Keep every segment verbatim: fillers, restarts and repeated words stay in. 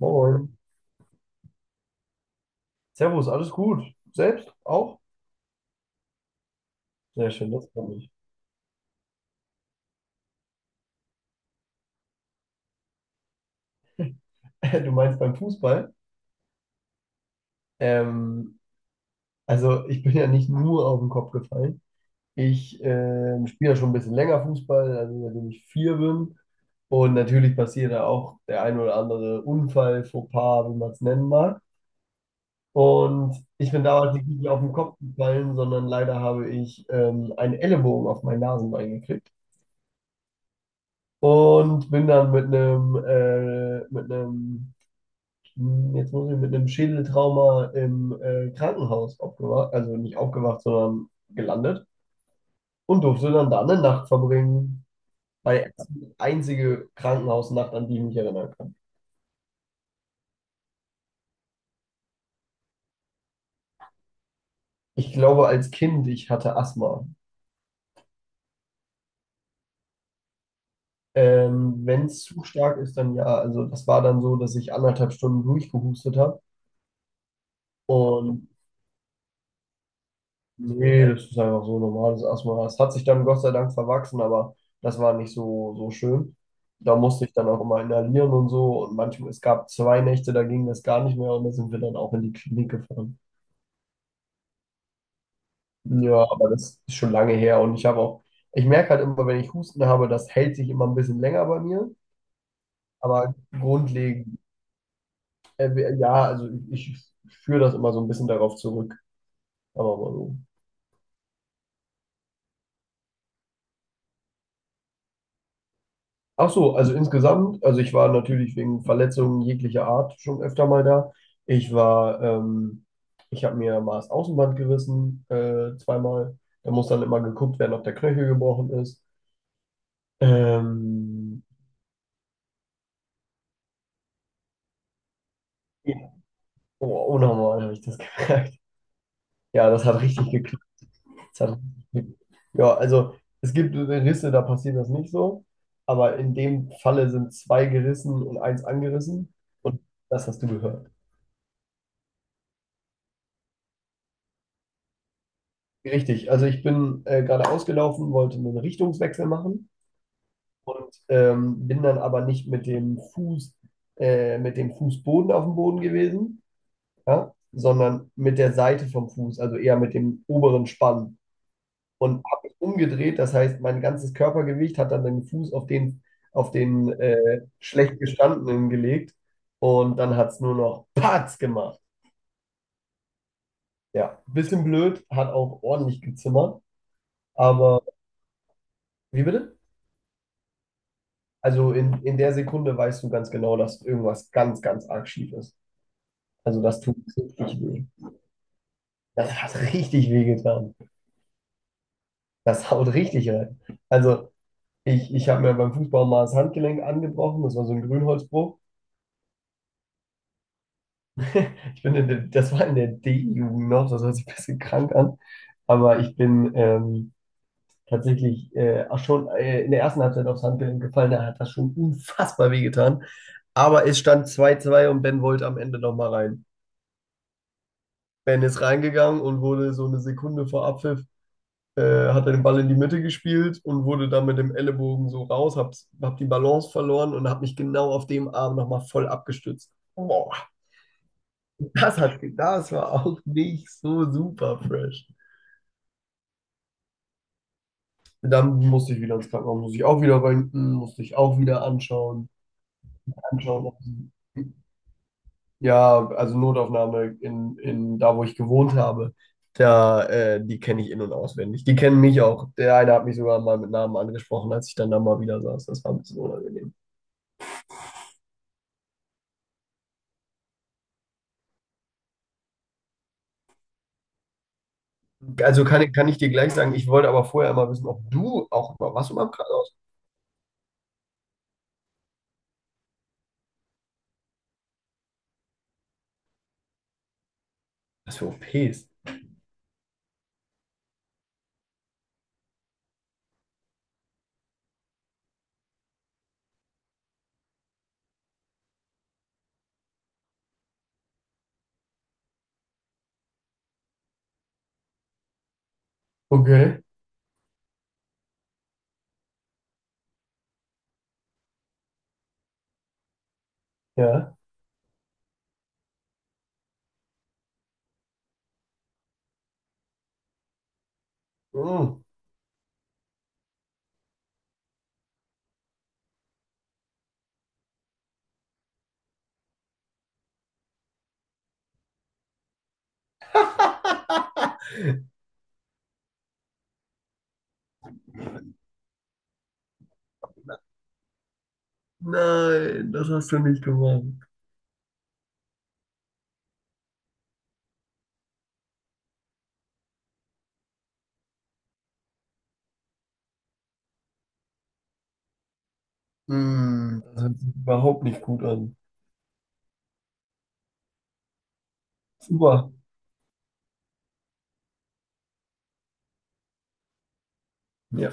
Moin. Servus, alles gut. Selbst auch? Sehr schön, das freut mich. Du meinst beim Fußball? Ähm, also ich bin ja nicht nur auf den Kopf gefallen. Ich ähm, spiele ja schon ein bisschen länger Fußball, also seitdem ich vier bin. Und natürlich passiert da auch der ein oder andere Unfall, Fauxpas, wie man es nennen mag. Und ich bin damals nicht wirklich auf den Kopf gefallen, sondern leider habe ich ähm, einen Ellenbogen auf mein Nasenbein gekriegt und bin dann mit einem äh, mit einem Hm, Jetzt muss ich mit einem Schädeltrauma im äh, Krankenhaus aufgewacht, also nicht aufgewacht, sondern gelandet und durfte dann da eine Nacht verbringen. Meine erste, einzige Krankenhausnacht, an die ich mich erinnern kann. Ich glaube, als Kind, ich hatte Asthma. Ähm, wenn es zu stark ist, dann ja. Also das war dann so, dass ich anderthalb Stunden durchgehustet habe. Und nee, das ist einfach so normales Asthma. Es hat sich dann Gott sei Dank verwachsen, aber das war nicht so, so schön. Da musste ich dann auch immer inhalieren und so. Und manchmal, es gab zwei Nächte, da ging das gar nicht mehr und da sind wir dann auch in die Klinik gefahren. Ja, aber das ist schon lange her und ich habe auch, ich merke halt immer, wenn ich Husten habe, das hält sich immer ein bisschen länger bei mir. Aber grundlegend, äh, ja, also ich, ich führe das immer so ein bisschen darauf zurück. Aber mal so. Ach so, also insgesamt, also ich war natürlich wegen Verletzungen jeglicher Art schon öfter mal da. Ich war, ähm, ich habe mir mal das Außenband gerissen, äh, zweimal. Da muss dann immer geguckt werden, ob der Knöchel gebrochen ist. Ähm, ja, oh, unnormal habe ich das gemerkt. Ja, das hat richtig geklickt. Das hat, richtig geklickt. Ja, also es gibt Risse, da passiert das nicht so. Aber in dem Falle sind zwei gerissen und eins angerissen. Und das hast du gehört. Richtig, also ich bin äh, gerade ausgelaufen, wollte einen Richtungswechsel machen und ähm, bin dann aber nicht mit dem Fuß, äh, mit dem Fußboden auf dem Boden gewesen, ja, sondern mit der Seite vom Fuß, also eher mit dem oberen Spann und habe mich umgedreht. Das heißt, mein ganzes Körpergewicht hat dann den Fuß auf den, auf den äh, schlecht gestandenen gelegt und dann hat es nur noch Patz gemacht. Ja, bisschen blöd, hat auch ordentlich gezimmert, aber wie bitte? Also in, in der Sekunde weißt du ganz genau, dass irgendwas ganz, ganz arg schief ist. Also das tut richtig weh. Das hat richtig weh getan. Das haut richtig rein. Also ich, ich habe mir beim Fußball mal das Handgelenk angebrochen. Das war so ein Grünholzbruch. Ich bin in der, Das war in der D-Jugend noch. Das hört sich ein bisschen krank an. Aber ich bin ähm, tatsächlich äh, auch schon äh, in der ersten Halbzeit aufs Handgelenk gefallen. Da hat das schon unfassbar weh getan. Aber es stand zwei zu zwei und Ben wollte am Ende nochmal rein. Ben ist reingegangen und wurde so eine Sekunde vor Abpfiff, äh, hat er den Ball in die Mitte gespielt und wurde dann mit dem Ellenbogen so raus, hab, hab die Balance verloren und hab mich genau auf dem Arm nochmal voll abgestützt. Boah, das hat, das war auch nicht so super fresh. Dann musste ich wieder ins Krankenhaus, musste ich auch wieder röntgen, musste ich auch wieder anschauen, anschauen. ob sie Ja, also Notaufnahme in, in da, wo ich gewohnt habe, da, äh, die kenne ich in- und auswendig. Die kennen mich auch. Der eine hat mich sogar mal mit Namen angesprochen, als ich dann da mal wieder saß. Das war ein bisschen unangenehm. Also kann, kann ich dir gleich sagen, ich wollte aber vorher mal wissen, ob du auch mal warst du mal im Krankenhaus? Was für O Ps? Okay, ja. Mm. Nein, das hast du nicht gemacht. Mm, das hört sich überhaupt nicht gut an. Super. Ja,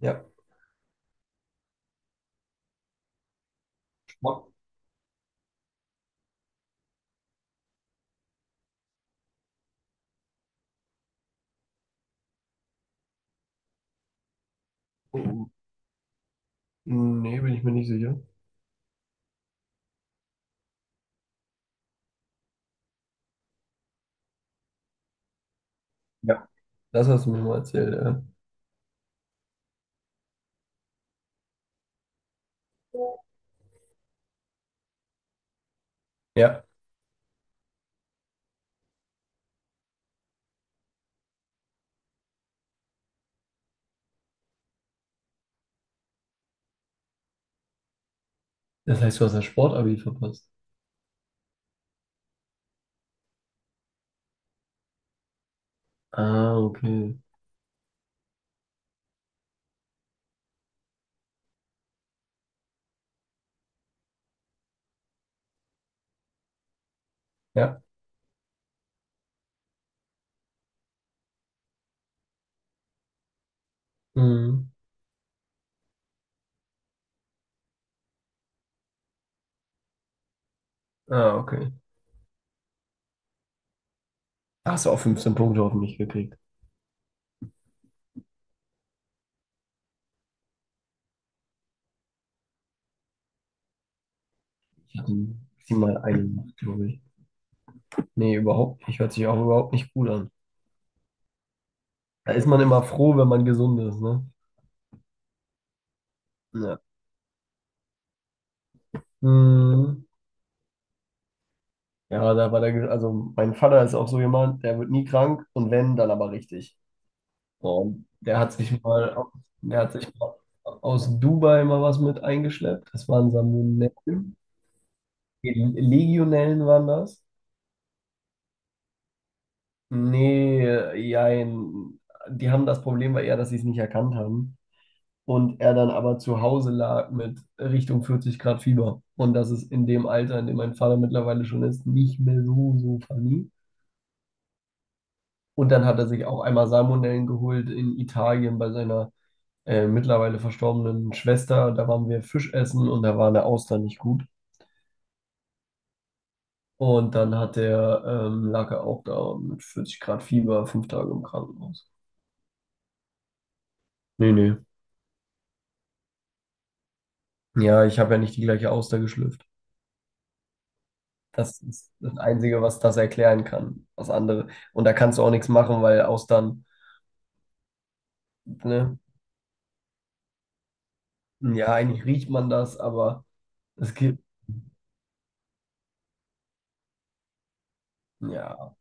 ja. Sport. Nee, bin ich mir nicht sicher. Ja. Das hast du mir mal erzählt, ja. Ja. Das heißt, du hast das Sportabi verpasst. Ah, okay. Ja. Mhm. Ah, okay. Da hast du auch fünfzehn Punkte auf mich gekriegt? Ich hatte maximal eine Nacht, glaube ich. Nee, überhaupt nicht. Hört sich auch überhaupt nicht gut an. Da ist man immer froh, wenn man gesund ist, ne? Ja. Mhm. Ja, da war der, Ge- also mein Vater ist auch so jemand, der wird nie krank und wenn, dann aber richtig. Und der hat sich mal, au- der hat sich mal aus Dubai mal was mit eingeschleppt. Das waren Salmonellen. Legionellen waren das. Nee, jein. Die haben das Problem war eher, dass sie es nicht erkannt haben. Und er dann aber zu Hause lag mit Richtung vierzig Grad Fieber. Und das ist in dem Alter, in dem mein Vater mittlerweile schon ist, nicht mehr so, so funny. Und dann hat er sich auch einmal Salmonellen geholt in Italien bei seiner äh, mittlerweile verstorbenen Schwester, da waren wir Fisch essen und da war der Austern nicht gut. Und dann hat der, ähm, lag er auch da mit vierzig Grad Fieber, fünf Tage im Krankenhaus. Nee, nee. Ja, ich habe ja nicht die gleiche Auster geschlüpft. Das ist das Einzige, was das erklären kann. Was andere. Und da kannst du auch nichts machen, weil Austern, ne? Ja, eigentlich riecht man das, aber es gibt, ja,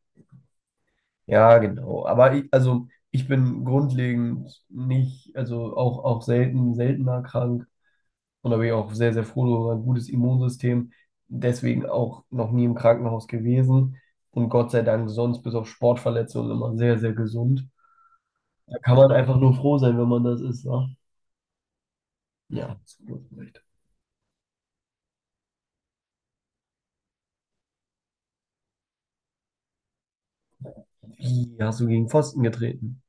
ja, genau. Aber ich, also ich bin grundlegend nicht, also auch, auch selten, seltener krank. Und da bin ich auch sehr, sehr froh über ein gutes Immunsystem. Deswegen auch noch nie im Krankenhaus gewesen. Und Gott sei Dank sonst bis auf Sportverletzungen immer sehr, sehr gesund. Da kann man einfach nur froh sein, wenn man das ist, ne? Ja, absolut recht. Wie hast du gegen Pfosten getreten?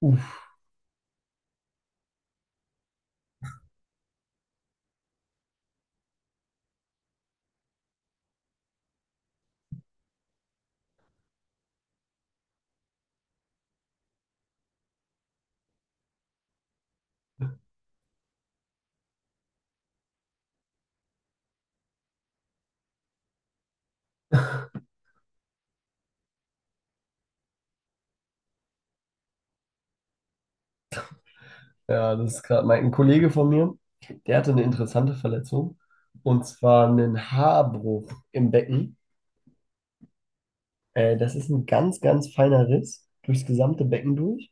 Uff. Ja, das ist gerade mein ein Kollege von mir, der hatte eine interessante Verletzung. Und zwar einen Haarbruch im Becken. Äh, das ist ein ganz, ganz feiner Riss durchs gesamte Becken durch.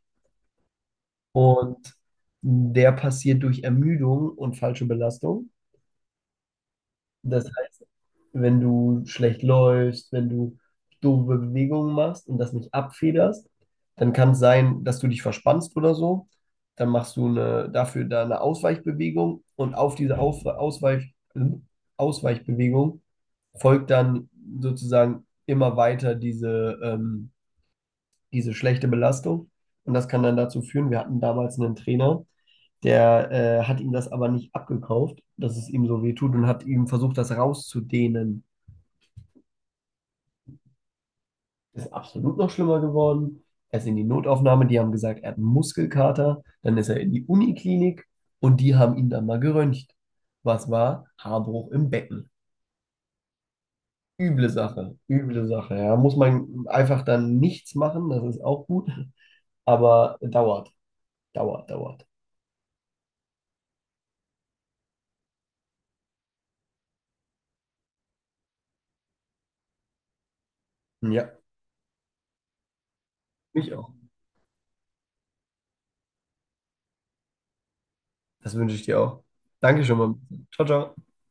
Und der passiert durch Ermüdung und falsche Belastung. Das heißt, wenn du schlecht läufst, wenn du doofe Bewegungen machst und das nicht abfederst, dann kann es sein, dass du dich verspannst oder so. Dann machst du eine, dafür da eine Ausweichbewegung und auf diese auf, Ausweich, Ausweichbewegung folgt dann sozusagen immer weiter diese, ähm, diese schlechte Belastung. Und das kann dann dazu führen, wir hatten damals einen Trainer, der äh, hat ihm das aber nicht abgekauft, dass es ihm so weh tut und hat ihm versucht, das rauszudehnen. Ist absolut noch schlimmer geworden. Er ist in die Notaufnahme, die haben gesagt, er hat einen Muskelkater. Dann ist er in die Uniklinik und die haben ihn dann mal geröntgt. Was war? Haarbruch im Becken. Üble Sache, üble Sache. Ja, muss man einfach dann nichts machen, das ist auch gut. Aber dauert, dauert, dauert. Ja, mich auch. Das wünsche ich dir auch. Danke schon mal. Ciao, ciao.